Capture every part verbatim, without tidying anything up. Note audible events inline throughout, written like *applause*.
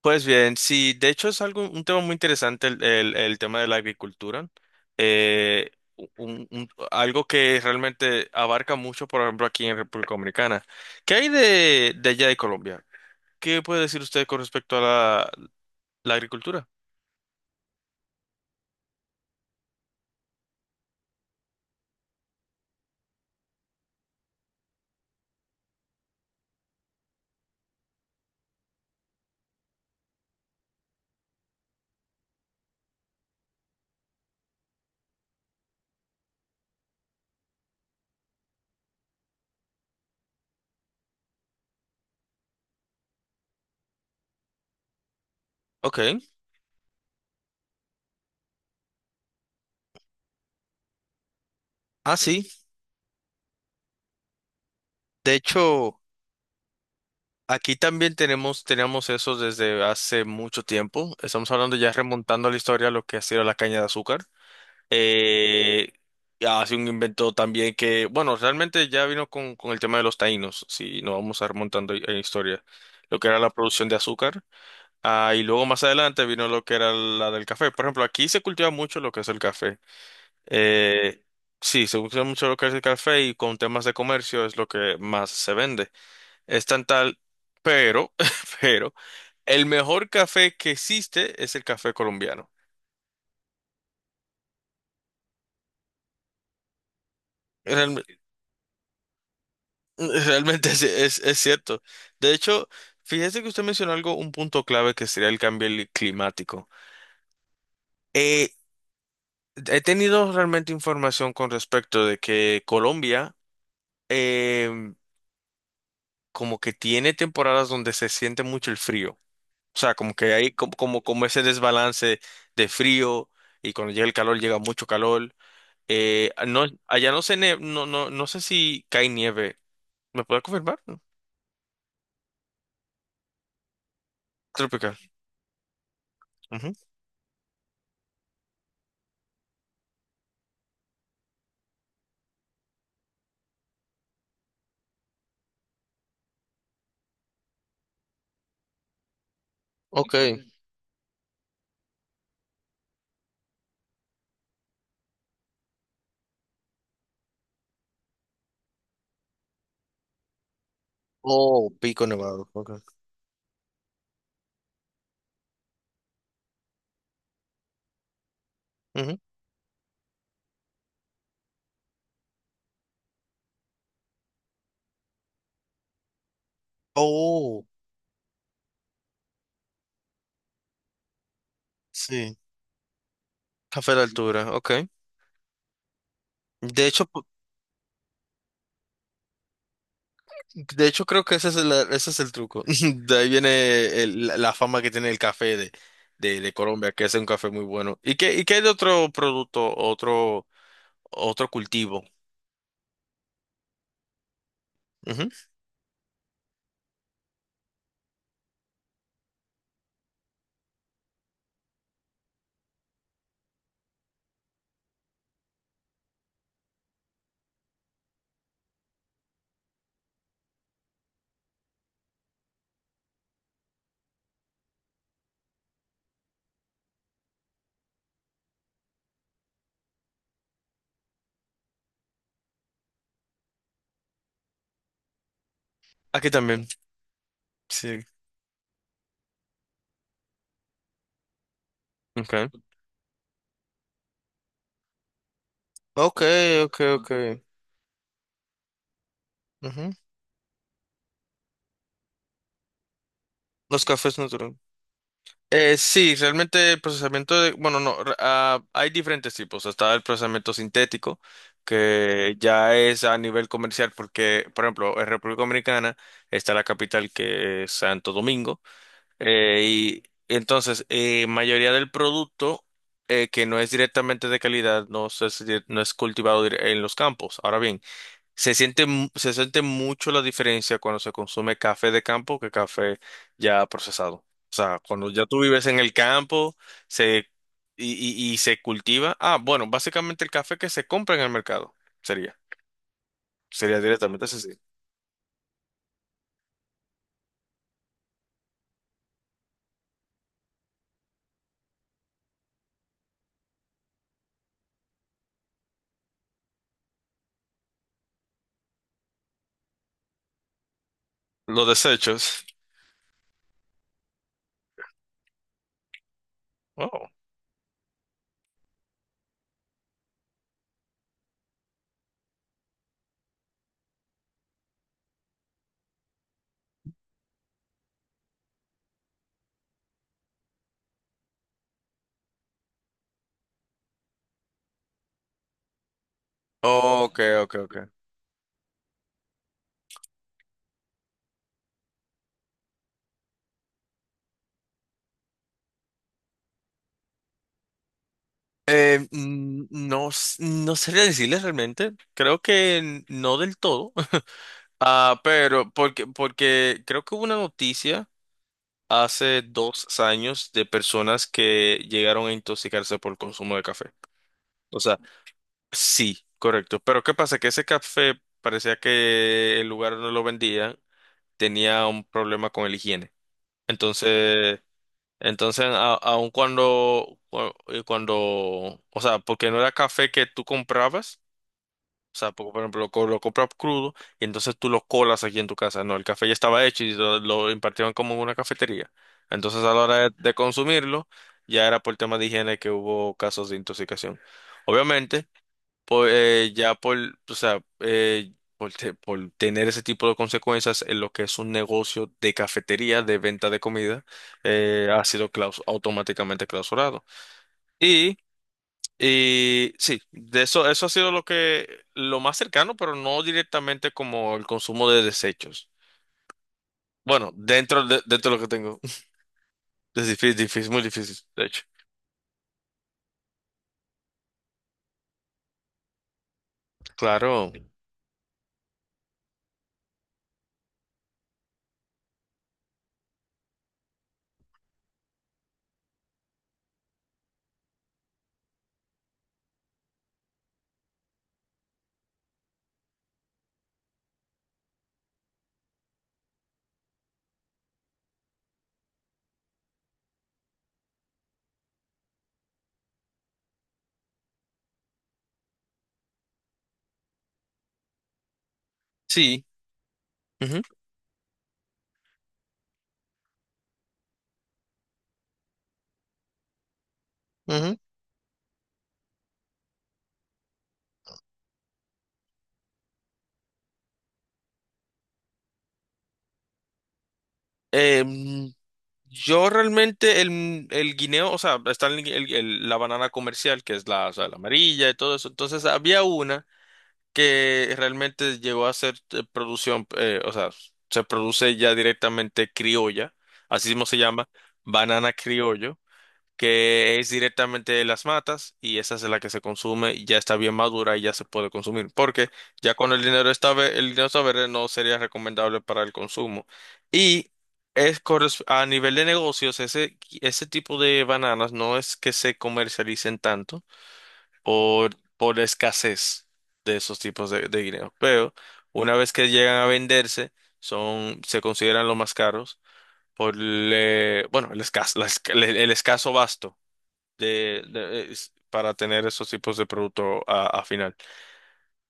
Pues bien, sí, de hecho es algo, un tema muy interesante el, el- el tema de la agricultura. Eh, un- un- algo que realmente abarca mucho, por ejemplo, aquí en República Dominicana. ¿Qué hay de, de allá de Colombia? ¿Qué puede decir usted con respecto a la, la agricultura? Ok. Ah, sí. De hecho, aquí también tenemos, tenemos eso desde hace mucho tiempo. Estamos hablando ya remontando a la historia lo que ha sido la caña de azúcar. Eh, ah, hace un invento también que, bueno, realmente ya vino con, con el tema de los taínos, si nos vamos a remontando en historia, lo que era la producción de azúcar, ah, y luego más adelante vino lo que era la del café. Por ejemplo, aquí se cultiva mucho lo que es el café. Eh, sí, se cultiva mucho lo que es el café y con temas de comercio es lo que más se vende. Es tan tal, pero, *laughs* pero, el mejor café que existe es el café colombiano. *laughs* Realmente es, es, es cierto. De hecho, fíjese que usted mencionó algo, un punto clave que sería el cambio li- climático. Eh, he tenido realmente información con respecto de que Colombia em, como que tiene temporadas donde se siente mucho el frío. O sea, como que hay como, como, como ese desbalance de frío y cuando llega el calor llega mucho calor. Eh, ah, no, allá no se ne- no, no, no sé si cae nieve. ¿Me puede confirmar? ¿No? Tropical. Ujú. Ok. Oh, Pico Nevado. Okay. Ujú. Oh, sí. Café de altura, ok. De hecho, pu- de hecho creo que ese es el, ese es el truco. *laughs* De ahí viene el- la la fama que tiene el café de, de, de Colombia, que es un café muy bueno. ¿Y qué, y qué hay de otro producto, otro, otro cultivo? Ujú. Aquí también, sí. Okay. Ok, ok, ok. Ujú. Los cafés naturales. Eh, sí, realmente el procesamiento de, bueno, no, re- ah, hay diferentes tipos. Está el procesamiento sintético, que ya es a nivel comercial, porque, por ejemplo, en República Dominicana está la capital que es Santo Domingo, eh, y entonces, eh, mayoría del producto eh, que no es directamente de calidad, no se- no es cultivado dire- en los campos. Ahora bien, se siente, mu- se siente mucho la diferencia cuando se consume café de campo que café ya procesado. O sea, cuando ya tú vives en el campo se, y, y- y se cultiva. Ah, bueno, básicamente el café que se compra en el mercado sería. Sería directamente así. Los desechos. Oh. Ok, ok, ok. Eh, mm, no, s- no sería decirles realmente. Creo que no del todo. *laughs* Ah, pero porque, porque creo que hubo una noticia. Hace dos años de personas que llegaron a intoxicarse por el consumo de café. O sea, sí, correcto. Pero ¿qué pasa? Que ese café parecía que el lugar donde lo vendían tenía un problema con el higiene. Entonces, entonces, a- aun cuando, cu- eh, cuando, o sea, porque no era café que tú comprabas, o sea, por por ejemplo, lo, co- lo compras crudo y entonces tú lo colas aquí en tu casa. No, el café ya estaba hecho y lo, lo impartieron como en una cafetería. Entonces, a la hora de, de consumirlo, ya era por tema de higiene que hubo casos de intoxicación. Obviamente, po- eh, ya por, o sea, eh, por, te- por tener ese tipo de consecuencias en lo que es un negocio de cafetería, de venta de comida, eh, ha sido claus- automáticamente clausurado. Y sí, de eso, eso ha sido lo que, lo más cercano, pero no directamente como el consumo de desechos. Bueno, dentro de, dentro de lo que tengo. *laughs* Es difícil, difícil, muy difícil, de hecho. Claro. Sí. Ujú, ujú. Em, yo realmente el, el guineo, o sea, está el- el- el- la banana comercial, que es la, o sea, la amarilla y todo eso. Entonces había una. Que realmente llegó a ser eh, producción, eh, o sea, se produce ya directamente criolla, así mismo se llama, banana criollo, que es directamente de las matas y esa es la que se consume y ya está bien madura y ya se puede consumir, porque ya con el dinero está ve- el dinero está verde no sería recomendable para el consumo. Y es corres- a nivel de negocios, ese, ese tipo de bananas no es que se comercialicen tanto por, por la escasez de esos tipos de, de guineos. Pero una vez que llegan a venderse, son, se consideran los más caros por le- bueno, el escaso, la esca- el, el escaso basto de, de- es- para tener esos tipos de producto a, a final.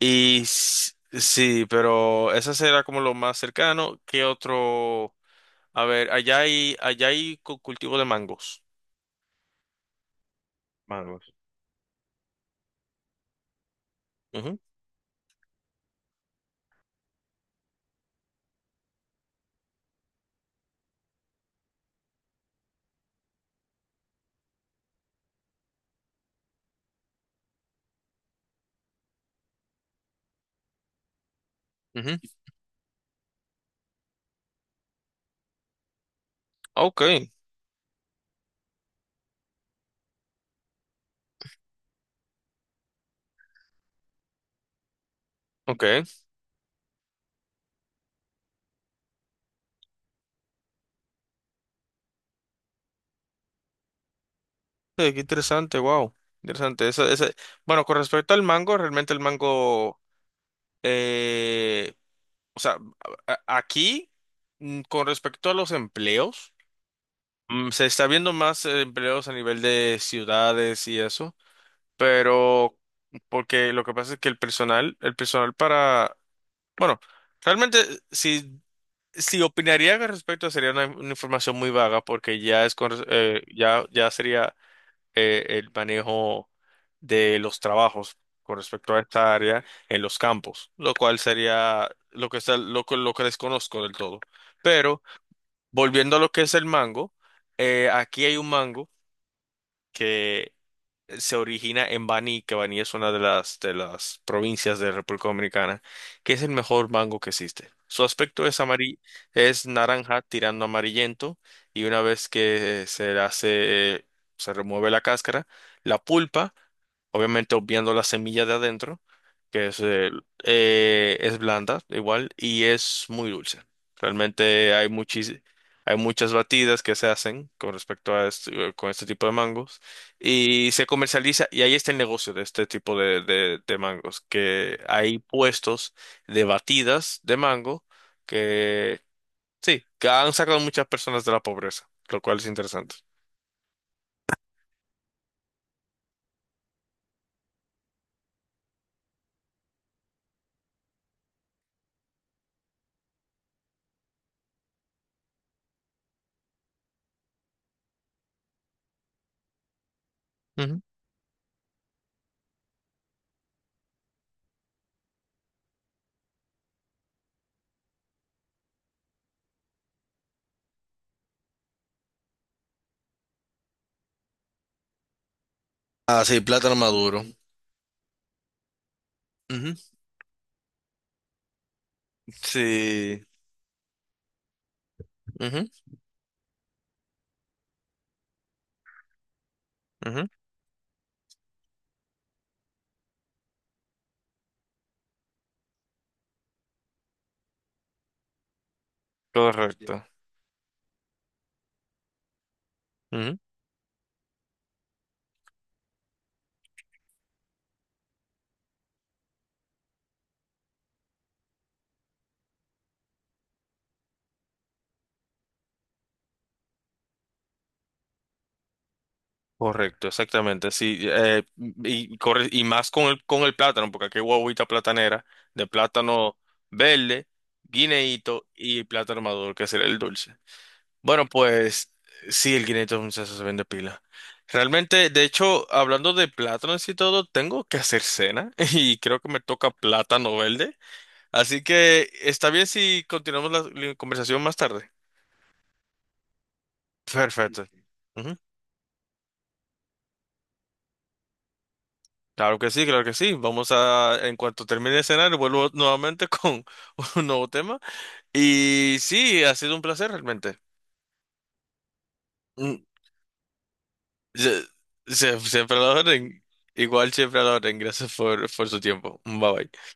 Y s- sí, pero esa será como lo más cercano. ¿Qué otro? A ver, allá hay, allá hay cu- cultivo de mangos. Mangos. Ujú, ujú. Ok, ok. Sí, qué interesante, wow. Interesante. Esa- esa- Bueno, con respecto al mango, realmente el mango, eh, o sea, a- a- aquí, mm, con respecto a los empleos, mm, se está viendo más eh, empleos a nivel de ciudades y eso, pero porque lo que pasa es que el personal, el personal para, bueno, realmente eh, si, si opinaría con respecto sería una, una información muy vaga porque ya es con, res- eh, ya, ya sería eh, el manejo de los trabajos con respecto a esta área en los campos, lo cual sería lo que está, lo, que- lo que desconozco del todo. Pero volviendo a lo que es el mango, eh, aquí hay un mango que se origina en Baní, que Baní es una de las, de las provincias de República Dominicana, que es el mejor mango que existe. Su aspecto es amarillo, es naranja tirando amarillento y una vez que se le hace, se remueve la cáscara, la pulpa, obviamente obviando la semilla de adentro, que es, eh, eh, es blanda igual y es muy dulce. Realmente hay muchis- hay muchas batidas que se hacen con respecto a este, con este tipo de mangos y se comercializa y ahí está el negocio de este tipo de, de, de mangos, que hay puestos de batidas de mango que sí, que han sacado muchas personas de la pobreza, lo cual es interesante. Ujú. Ah, sí, plátano maduro. Ujú. Sí, ujú, ujú. Correcto. Ujú. Correcto, exactamente, sí, eh, y, corre- y más con el, con el plátano, porque aquí hay guaguita platanera de plátano verde, guineíto y plátano maduro, que será el dulce. Bueno, pues sí, el cinco once se vende pila. Realmente, de hecho, hablando de plátanos y todo, tengo que hacer cena *laughs* y creo que me toca plátano verde. Así que está bien si continuamos la, la conversación más tarde. Perfecto. Ujú. Claro que sí, claro que sí. Vamos a, en cuanto termine de cenar, vuelvo nuevamente con *laughs* un nuevo tema. Y sí, ha sido un placer realmente. Mm, se- se- Siempre a la orden. Igual siempre a la orden. Gracias por, por su tiempo. Bye bye.